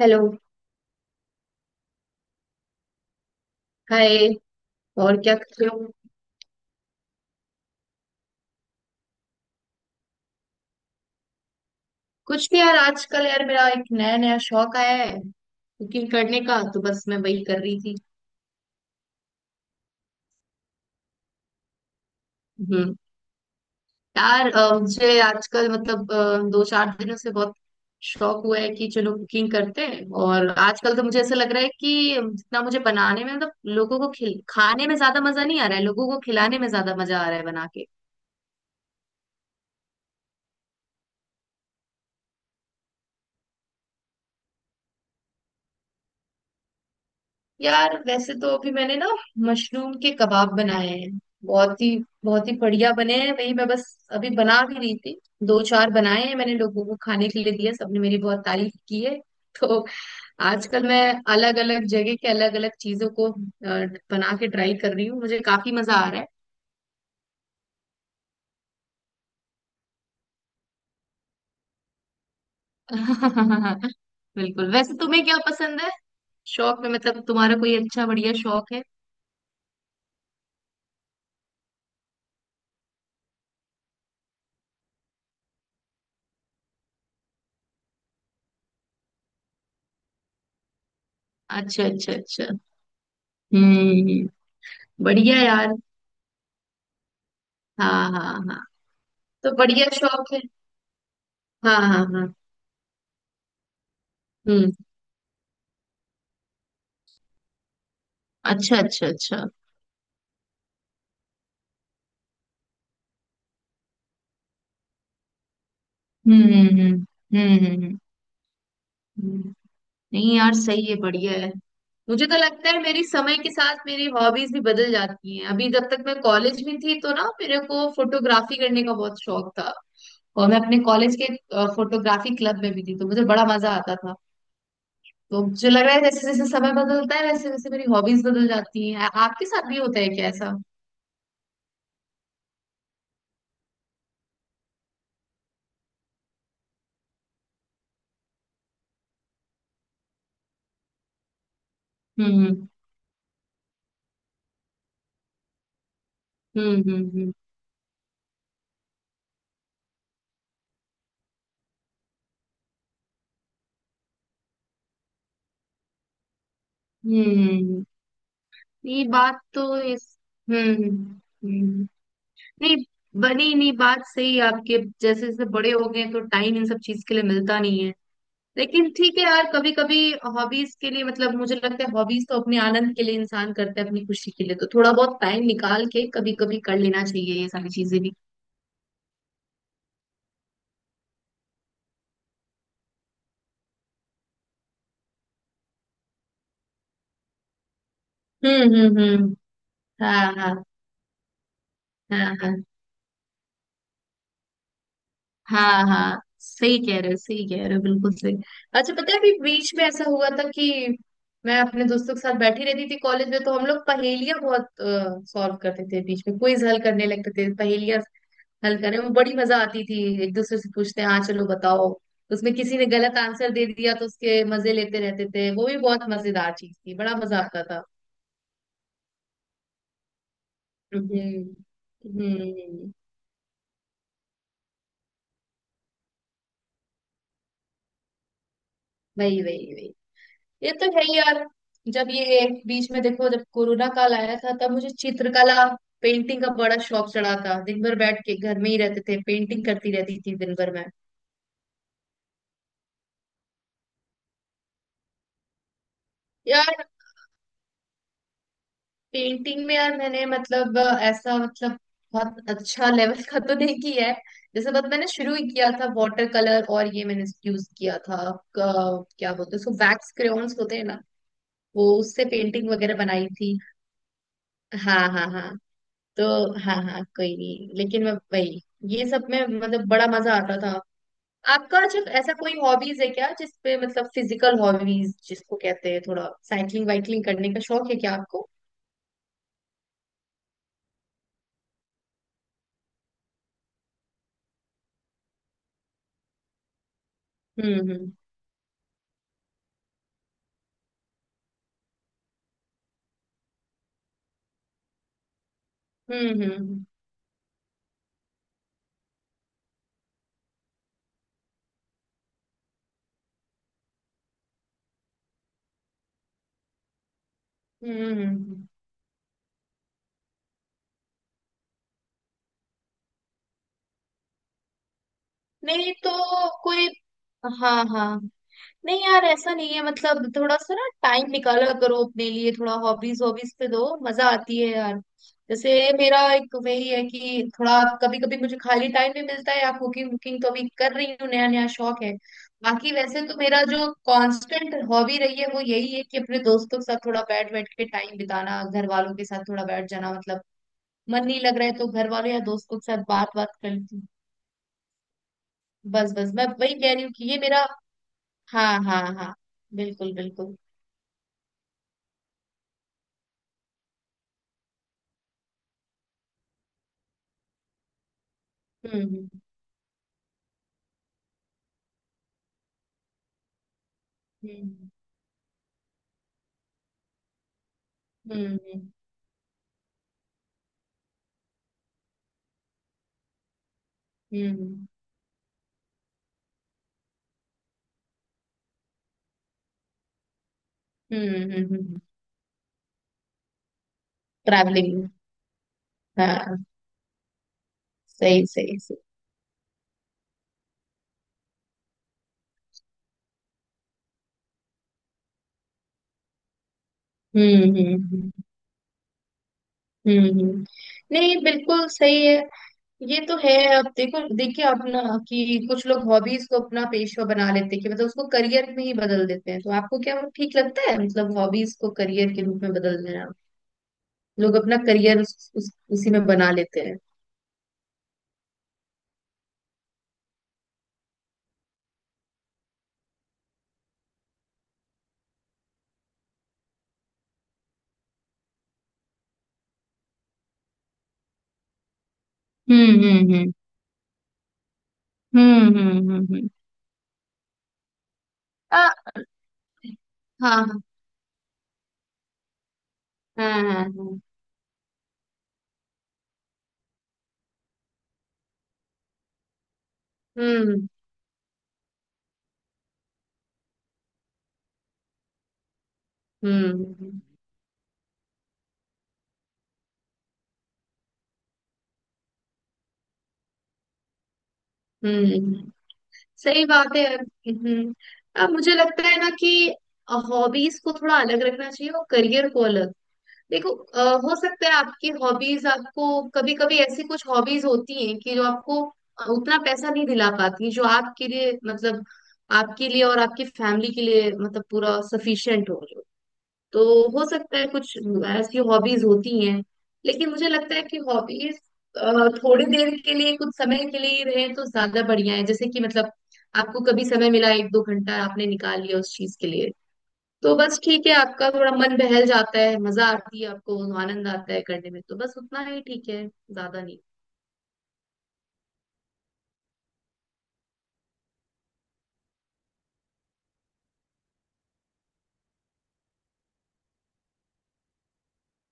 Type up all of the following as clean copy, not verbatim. Hello. Hi. और क्या कर रहे हो? कुछ भी यार। आजकल यार मेरा एक नया नया शौक आया है, कुकिंग करने का। तो बस मैं वही कर रही थी। हम्म। यार, मुझे आजकल मतलब दो चार दिनों से बहुत शौक हुआ है कि चलो कुकिंग करते हैं। और आजकल तो मुझे ऐसा लग रहा है कि जितना मुझे बनाने में मतलब लोगों को खिल खाने में ज्यादा मजा नहीं आ रहा है, लोगों को खिलाने में ज्यादा मजा आ रहा है बना के। यार वैसे तो अभी मैंने ना मशरूम के कबाब बनाए हैं। बहुत ही बहुत ही बढ़िया बने हैं। वही मैं बस अभी बना भी रही थी। दो चार बनाए हैं मैंने, लोगों को खाने के लिए दिया, सबने मेरी बहुत तारीफ की है। तो आजकल मैं अलग अलग जगह के अलग अलग चीजों को बना के ट्राई कर रही हूँ, मुझे काफी मजा आ रहा है। बिल्कुल। वैसे तुम्हें क्या पसंद है? शौक में मतलब तुम्हारा कोई अच्छा बढ़िया शौक है? अच्छा अच्छा अच्छा। हम्म। बढ़िया यार। हाँ हाँ हाँ। तो बढ़िया शौक है। हाँ हाँ हाँ। हम्म। अच्छा अच्छा अच्छा। हम्म हम्म हम्म, हम्म। हम्म। नहीं यार, सही है बढ़िया है। मुझे तो लगता है मेरी समय के साथ मेरी हॉबीज भी बदल जाती हैं। अभी जब तक मैं कॉलेज में थी तो ना मेरे को फोटोग्राफी करने का बहुत शौक था, और मैं अपने कॉलेज के फोटोग्राफी क्लब में भी थी तो मुझे बड़ा मजा आता था। तो मुझे लग रहा है जैसे जैसे समय बदलता है वैसे वैसे मेरी हॉबीज बदल जाती हैं। आपके साथ भी होता है क्या ऐसा? हम्म हम्म हम्म हम्म। ये बात तो इस। हम्म हम्म हम्म। नहीं, बनी नहीं बात। सही है आपके, जैसे जैसे बड़े हो गए तो टाइम इन सब चीज के लिए मिलता नहीं है। लेकिन ठीक है यार, कभी कभी हॉबीज के लिए मतलब मुझे लगता है हॉबीज तो अपने आनंद के लिए इंसान करता है, अपनी खुशी के लिए। तो थोड़ा बहुत टाइम निकाल के कभी कभी कर लेना चाहिए ये सारी चीजें भी। हम्म। हाँ हाँ हाँ। हाँ हाँ हाँ, सही कह रहे हो सही कह रहे हो, बिल्कुल सही। अच्छा पता है अभी बीच में ऐसा हुआ था कि मैं अपने दोस्तों के साथ बैठी रहती थी कॉलेज में, तो हम लोग पहेलियां बहुत सॉल्व करते थे, बीच में क्विज हल करने लगते थे। पहेलियां हल करने में बड़ी मजा आती थी। एक दूसरे से पूछते हैं, हाँ चलो बताओ। उसमें किसी ने गलत आंसर दे दिया तो उसके मजे लेते रहते थे। वो भी बहुत मजेदार चीज थी, बड़ा मजा आता था। हम्म हम्म। वही वही वही, ये तो है ही यार। जब ये बीच में देखो, जब कोरोना काल आया था तब मुझे चित्रकला पेंटिंग का बड़ा शौक चढ़ा था। दिन भर बैठ के घर में ही रहते थे, पेंटिंग करती रहती थी दिन भर में। यार पेंटिंग में यार मैंने मतलब ऐसा मतलब बहुत अच्छा लेवल का तो नहीं किया है। जैसे बस मैंने शुरू ही किया था वाटर कलर, और ये मैंने यूज किया था, क्या बोलते हैं उसको, वैक्स क्रेयॉन्स होते हैं ना, वो उससे पेंटिंग वगैरह बनाई थी। हाँ हाँ हाँ। तो हाँ हाँ, कोई नहीं। लेकिन मैं वही, ये सब में मतलब बड़ा मजा आता था। आपका अच्छा ऐसा कोई हॉबीज है क्या, जिसपे मतलब फिजिकल हॉबीज जिसको कहते हैं, थोड़ा साइकिलिंग वाइकलिंग करने का शौक है क्या आपको? हम्म हम्म हम्म हम्म हम्म। नहीं तो कोई। हाँ हाँ। नहीं यार, ऐसा नहीं है मतलब, थोड़ा सा ना टाइम निकाला करो अपने लिए, थोड़ा हॉबीज हॉबीज पे दो। मजा आती है यार। जैसे मेरा एक वही है कि थोड़ा कभी कभी मुझे खाली टाइम भी मिलता है, या कुकिंग वुकिंग तो अभी कर रही हूँ, नया नया शौक है। बाकी वैसे तो मेरा जो कांस्टेंट हॉबी रही है वो यही है कि अपने दोस्तों के साथ थोड़ा बैठ बैठ के टाइम बिताना, घर वालों के साथ थोड़ा बैठ जाना, मतलब मन नहीं लग रहा है तो घर वालों या दोस्तों के साथ बात बात कर लेती हूँ। बस बस मैं वही कह रही हूँ कि ये मेरा। हाँ हाँ हाँ, बिल्कुल बिल्कुल। हम्म हम्म हम्म हम्म। ट्रैवलिंग। हाँ। सही सही सही। हम्म हम्म हम्म, हम्म। नहीं बिल्कुल सही है। ये तो है। अब देखो देखिए आप ना, कि कुछ लोग हॉबीज को अपना पेशा बना लेते हैं कि मतलब उसको करियर में ही बदल देते हैं। तो आपको क्या वो ठीक लगता है मतलब हॉबीज को करियर के रूप में बदल देना, लोग अपना करियर उसी में बना लेते हैं। हम्म हम्म हम्म हम्म हम्म हम्म हम्म। आ, हाँ हाँ हाँ। हाँ हाँ। हम्म हम्म हम्म। सही बात है यार। हम्म। अब मुझे लगता है ना कि हॉबीज को थोड़ा अलग रखना चाहिए और करियर को अलग। देखो हो सकता है आपकी हॉबीज आपको, कभी कभी ऐसी कुछ हॉबीज होती हैं कि जो आपको उतना पैसा नहीं दिला पाती जो आपके लिए मतलब आपके लिए और आपकी फैमिली के लिए मतलब पूरा सफिशिएंट हो। तो हो सकता है कुछ ऐसी हॉबीज होती हैं। लेकिन मुझे लगता है कि हॉबीज थोड़ी देर के लिए कुछ समय के लिए ही रहे तो ज्यादा बढ़िया है। जैसे कि मतलब आपको कभी समय मिला, एक दो घंटा आपने निकाल लिया उस चीज के लिए, तो बस ठीक है, आपका थोड़ा मन बहल जाता है, मजा आती है आपको, आनंद आता है करने में, तो बस उतना ही ठीक है, ज्यादा नहीं।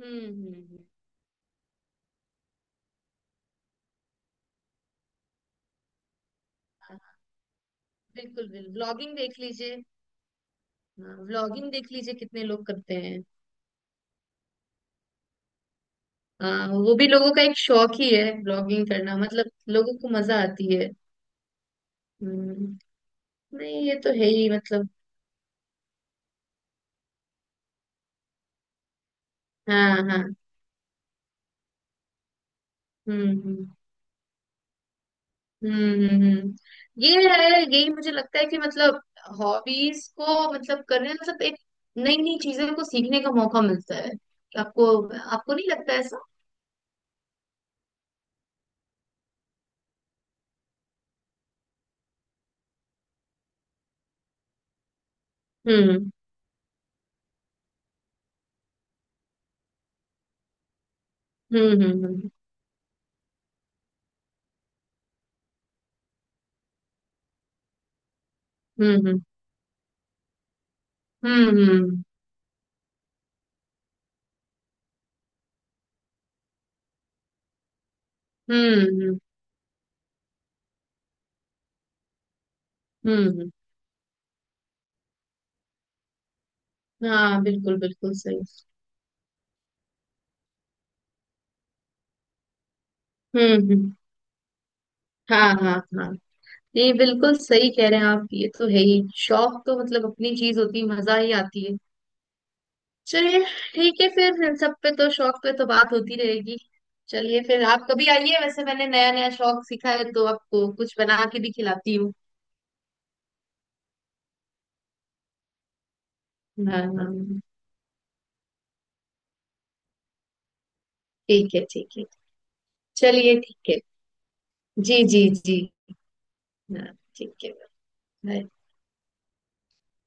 हम्म हम्म हम्म। बिल्कुल बिल्कुल, व्लॉगिंग देख लीजिए। व्लॉगिंग देख लीजिए कितने लोग करते हैं। हाँ, वो भी लोगों का एक शौक ही है, ब्लॉगिंग करना मतलब लोगों को मजा आती है। हम्म। नहीं ये तो है ही मतलब। हाँ हाँ। हम्म हम्म हम्म हम्म, हम्म। ये है, यही मुझे लगता है कि मतलब हॉबीज को मतलब करने मतलब एक नई नई चीजों को सीखने का मौका मिलता है आपको। आपको नहीं लगता ऐसा? हम्म हम्म हम्म हम्म हम्म हम्म हम्म हम्म हम्म हम्म, हम्म। हाँ बिल्कुल बिल्कुल सही। हम्म। हाँ हाँ हाँ। जी बिल्कुल सही कह रहे हैं आप। ये तो है ही, शौक तो मतलब अपनी चीज होती है, मजा ही आती है। चलिए, ठीक है फिर। इन सब पे तो शौक पे तो बात होती रहेगी। चलिए फिर आप कभी आइए, वैसे मैंने नया नया शौक सीखा है तो आपको कुछ बना के भी खिलाती हूँ। हाँ हाँ, हाँ। ठीक है ठीक है। चलिए ठीक है। जी जी जी। हाँ ठीक है। बाय।